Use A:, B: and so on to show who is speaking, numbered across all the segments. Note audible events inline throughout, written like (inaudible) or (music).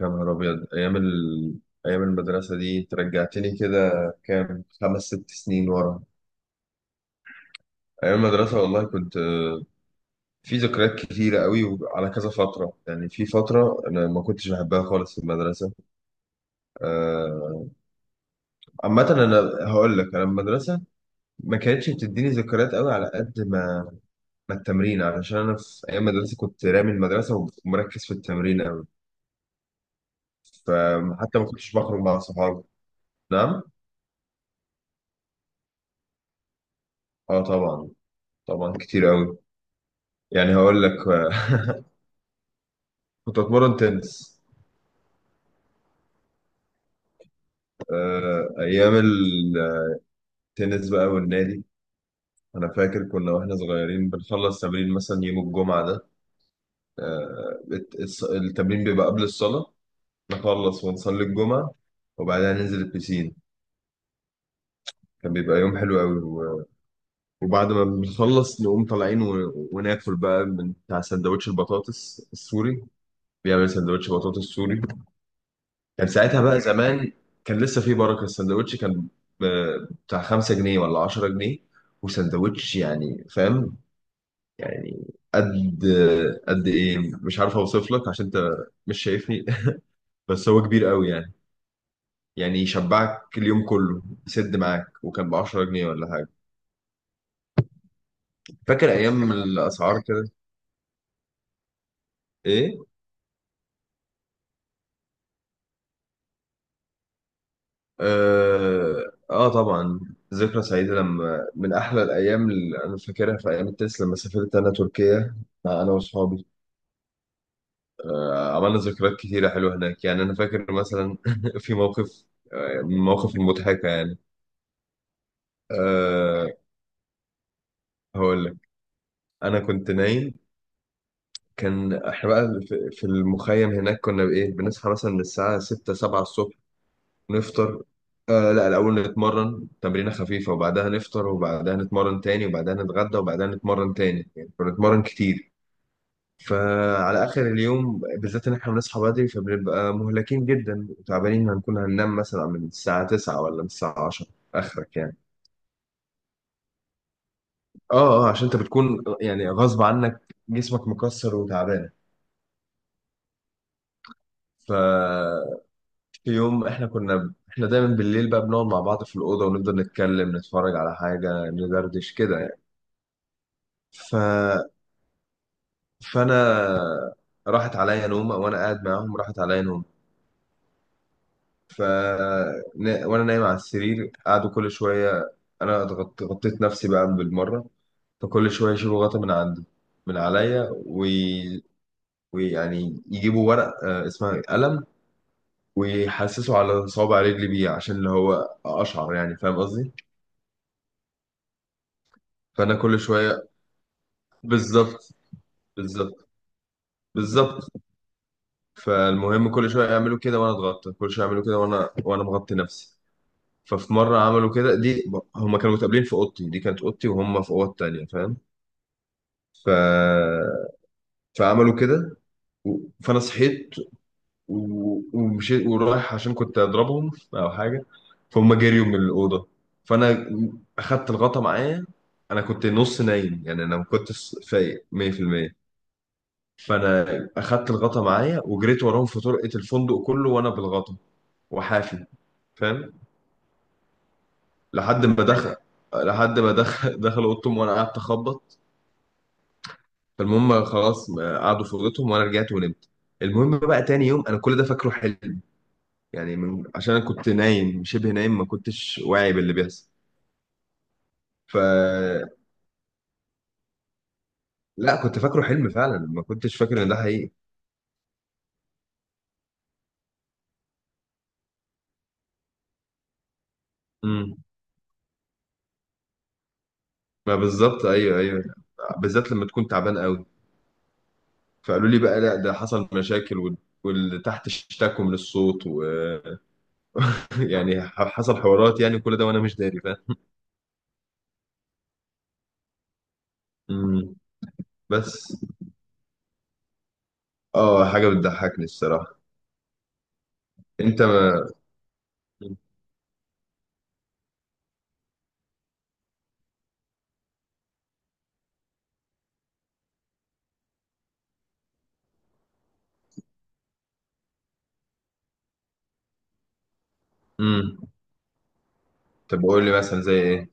A: يا نهار أبيض، أيام أيام المدرسة دي أنت رجعتني كده. كام خمس ست سنين ورا. أيام المدرسة والله كنت، في ذكريات كتيرة قوي وعلى كذا فترة، يعني في فترة أنا ما كنتش بحبها خالص في المدرسة. آه، عامة أنا هقول لك، أنا المدرسة ما كانتش بتديني ذكريات قوي على قد ما التمرين، علشان أنا في أيام المدرسة كنت رامي المدرسة ومركز في التمرين قوي، فحتى ما كنتش بخرج مع صحابي. نعم؟ أه طبعا، طبعا كتير قوي. يعني هقول لك، كنت اتمرن تنس. ايام التنس بقى والنادي، انا فاكر كنا واحنا صغيرين بنخلص تمرين مثلا يوم الجمعه ده. التمرين بيبقى قبل الصلاه، نخلص ونصلي الجمعه وبعدها ننزل البسين. كان بيبقى يوم حلو قوي وبعد ما بنخلص نقوم طالعين، و- وناكل بقى من بتاع سندوتش البطاطس السوري. بيعمل سندوتش بطاطس سوري. كان ساعتها بقى زمان، كان لسه في بركة السندوتش، كان بتاع 5 جنيه ولا 10 جنيه. وسندوتش يعني فاهم، يعني قد ايه، مش عارف اوصف لك عشان انت مش شايفني. (laughs) بس هو كبير قوي يعني، يعني يشبعك اليوم كله، يسد معاك، وكان ب 10 جنيه ولا حاجة. فاكر ايام الاسعار كده. ايه؟ اه, آه طبعا. ذكرى سعيدة، لما من احلى الايام اللي انا فاكرها في ايام التنس، لما سافرت انا تركيا مع انا واصحابي. عملنا ذكريات كتيرة حلوة هناك. يعني أنا فاكر مثلا (laughs) في موقف، من المواقف المضحكة يعني. أه، هقول لك. أنا كنت نايم، كان إحنا بقى في المخيم هناك، كنا بإيه، بنصحى مثلا من الساعة 6 7 الصبح، نفطر. أه لا، الأول نتمرن تمرينة خفيفة وبعدها نفطر، وبعدها نتمرن تاني وبعدها نتغدى وبعدها نتمرن تاني، يعني كنا بنتمرن كتير. فعلى اخر اليوم بالذات، ان احنا بنصحى بدري، فبنبقى مهلكين جدا وتعبانين، هنكون هننام مثلا من الساعه 9 ولا من الساعه 10، اخرك يعني. اه اه، عشان انت بتكون يعني غصب عنك، جسمك مكسر وتعبان. ف في يوم، احنا كنا دايما بالليل بقى بنقعد مع بعض في الاوضه ونفضل نتكلم، نتفرج على حاجه، ندردش كده يعني. ف فانا راحت عليا نومه وانا قاعد معاهم، راحت عليا نومه. ف وانا نايم على السرير قعدوا كل شويه، انا غطيت نفسي بقى بالمره. فكل شويه يشيلوا غطا من عندي، من عليا، ويعني يجيبوا ورق اسمها قلم، ويحسسوا على صوابع رجلي بيه، عشان اللي هو اشعر، يعني فاهم قصدي. فانا كل شويه. بالظبط. بالظبط. بالظبط. فالمهم كل شويه يعملوا كده وانا اتغطى، كل شويه يعملوا كده وانا مغطي نفسي. ففي مره عملوا كده دي، هما كانوا متقابلين في اوضتي، دي كانت اوضتي وهم في اوض تانية، فاهم. ف... فعملوا كده و... فانا صحيت و... ومشيت ورايح عشان كنت اضربهم او حاجه. فهم جريوا من الاوضه. فانا اخدت الغطا معايا. انا كنت نص نايم يعني، انا ما كنتش فايق 100%. فانا اخدت الغطا معايا وجريت وراهم في طرقه الفندق كله، وانا بالغطا وحافي، فاهم. لحد ما دخل لحد ما دخل اوضتهم وانا قعدت اخبط. فالمهم خلاص، قعدوا في اوضتهم وانا رجعت ونمت. المهم بقى تاني يوم، انا كل ده فاكره حلم، يعني عشان انا كنت نايم، شبه نايم، ما كنتش واعي باللي بيحصل. ف لا كنت فاكره حلم فعلا، ما كنتش فاكر ان ده حقيقي. امم. ما بالظبط، ايوه ايوه، بالذات لما تكون تعبان قوي. فقالوا لي بقى، لا ده حصل مشاكل واللي تحت اشتكوا من الصوت، ويعني (laughs) حصل حوارات، يعني كل ده وانا مش داري، فاهم. امم. بس اه، حاجه بتضحكني الصراحه. انت. امم. طب قول لي مثلا زي ايه.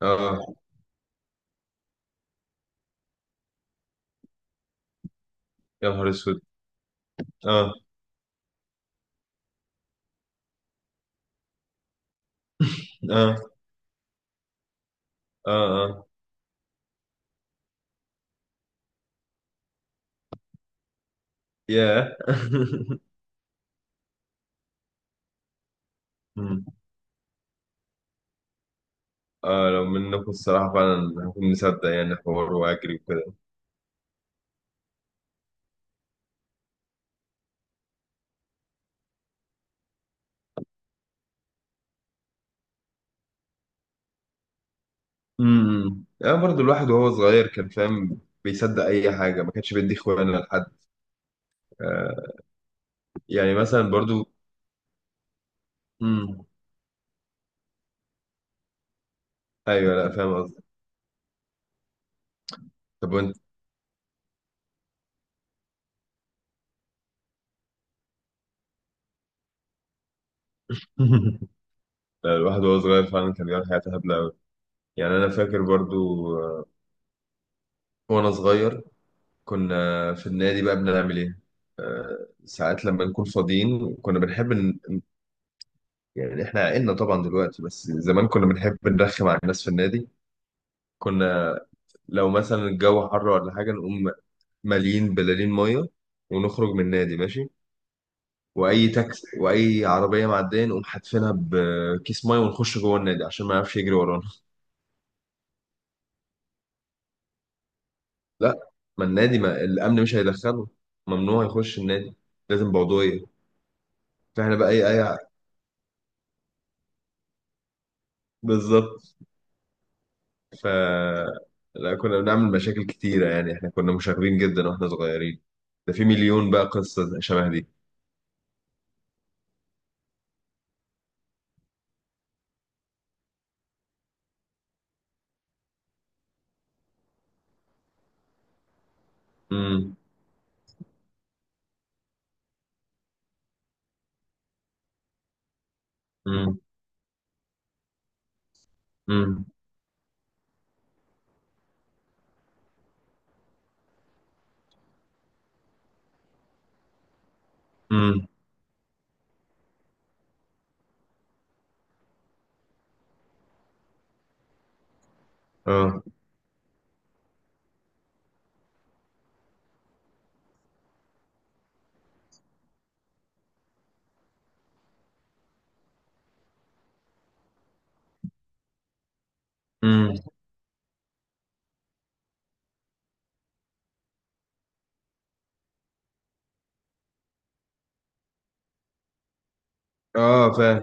A: اه، يا نهار اسود. اه. اه. اه. اه. ياه. (laughs) مم. اه، لو منكم الصراحة فعلا، هكون مصدق يعني، حوار واجري وكده. امم، انا برضو الواحد وهو صغير كان فاهم، بيصدق اي حاجة، ما كانش بيدي اخوانا لحد. آه يعني مثلا برضو. امم. ايوه، لا فاهم قصدي. طب وانت. (laughs) لا، الواحد وهو صغير فعلا كان بيعمل حاجات هبلة أوي. يعني أنا فاكر برضو، آه، وأنا صغير كنا في النادي بقى بنعمل ايه. ساعات لما نكون فاضيين كنا بنحب يعني احنا عقلنا طبعا دلوقتي، بس زمان كنا بنحب نرخم على الناس في النادي. كنا لو مثلا الجو حر ولا حاجة، نقوم مالين بلالين مية ونخرج من النادي ماشي، واي تاكس واي عربية معدية نقوم حاتفينها بكيس مية، ونخش جوه النادي عشان ما يعرفش يجري ورانا. لا، ما النادي، ما الامن مش هيدخله، ممنوع يخش النادي، لازم بعضوية. فاحنا بقى اي اي، بالظبط. ف لا كنا بنعمل مشاكل كتيرة، يعني احنا كنا مشاغبين جدا واحنا صغيرين. ده في مليون بقى قصة شبه دي. امم. امم. امم. امم. اه. امم. اه، فاهم.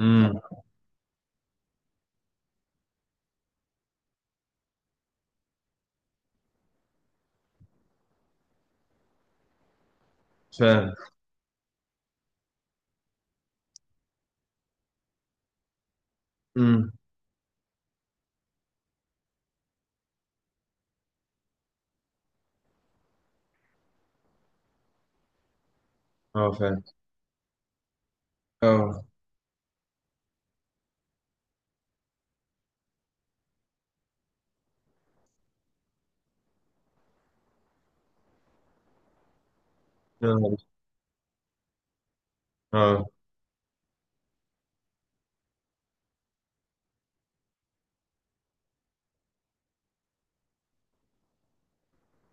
A: امم. فاهم. امم. اه، فاهم. اه، يا نهار أسود. اه.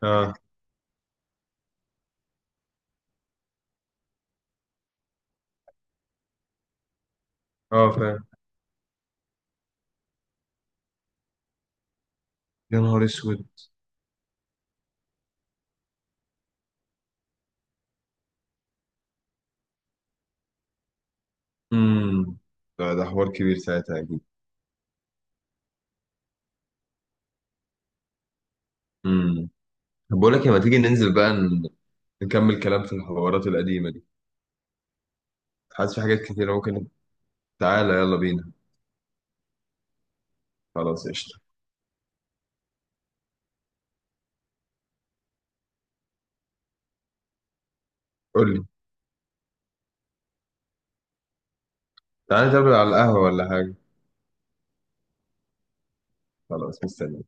A: اه. اه، فاهم. يا نهار اسود. امم. ده حوار كبير ساعتها اكيد. امم. طب بقول لك إيه، ما تيجي ننزل بقى نكمل كلام في الحوارات القديمة دي. حاسس في حاجات كتيرة ممكن. تعالى يلا بينا. خلاص قشطة. قول لي. تعالى نتقابل على القهوة ولا حاجة. خلاص مستني.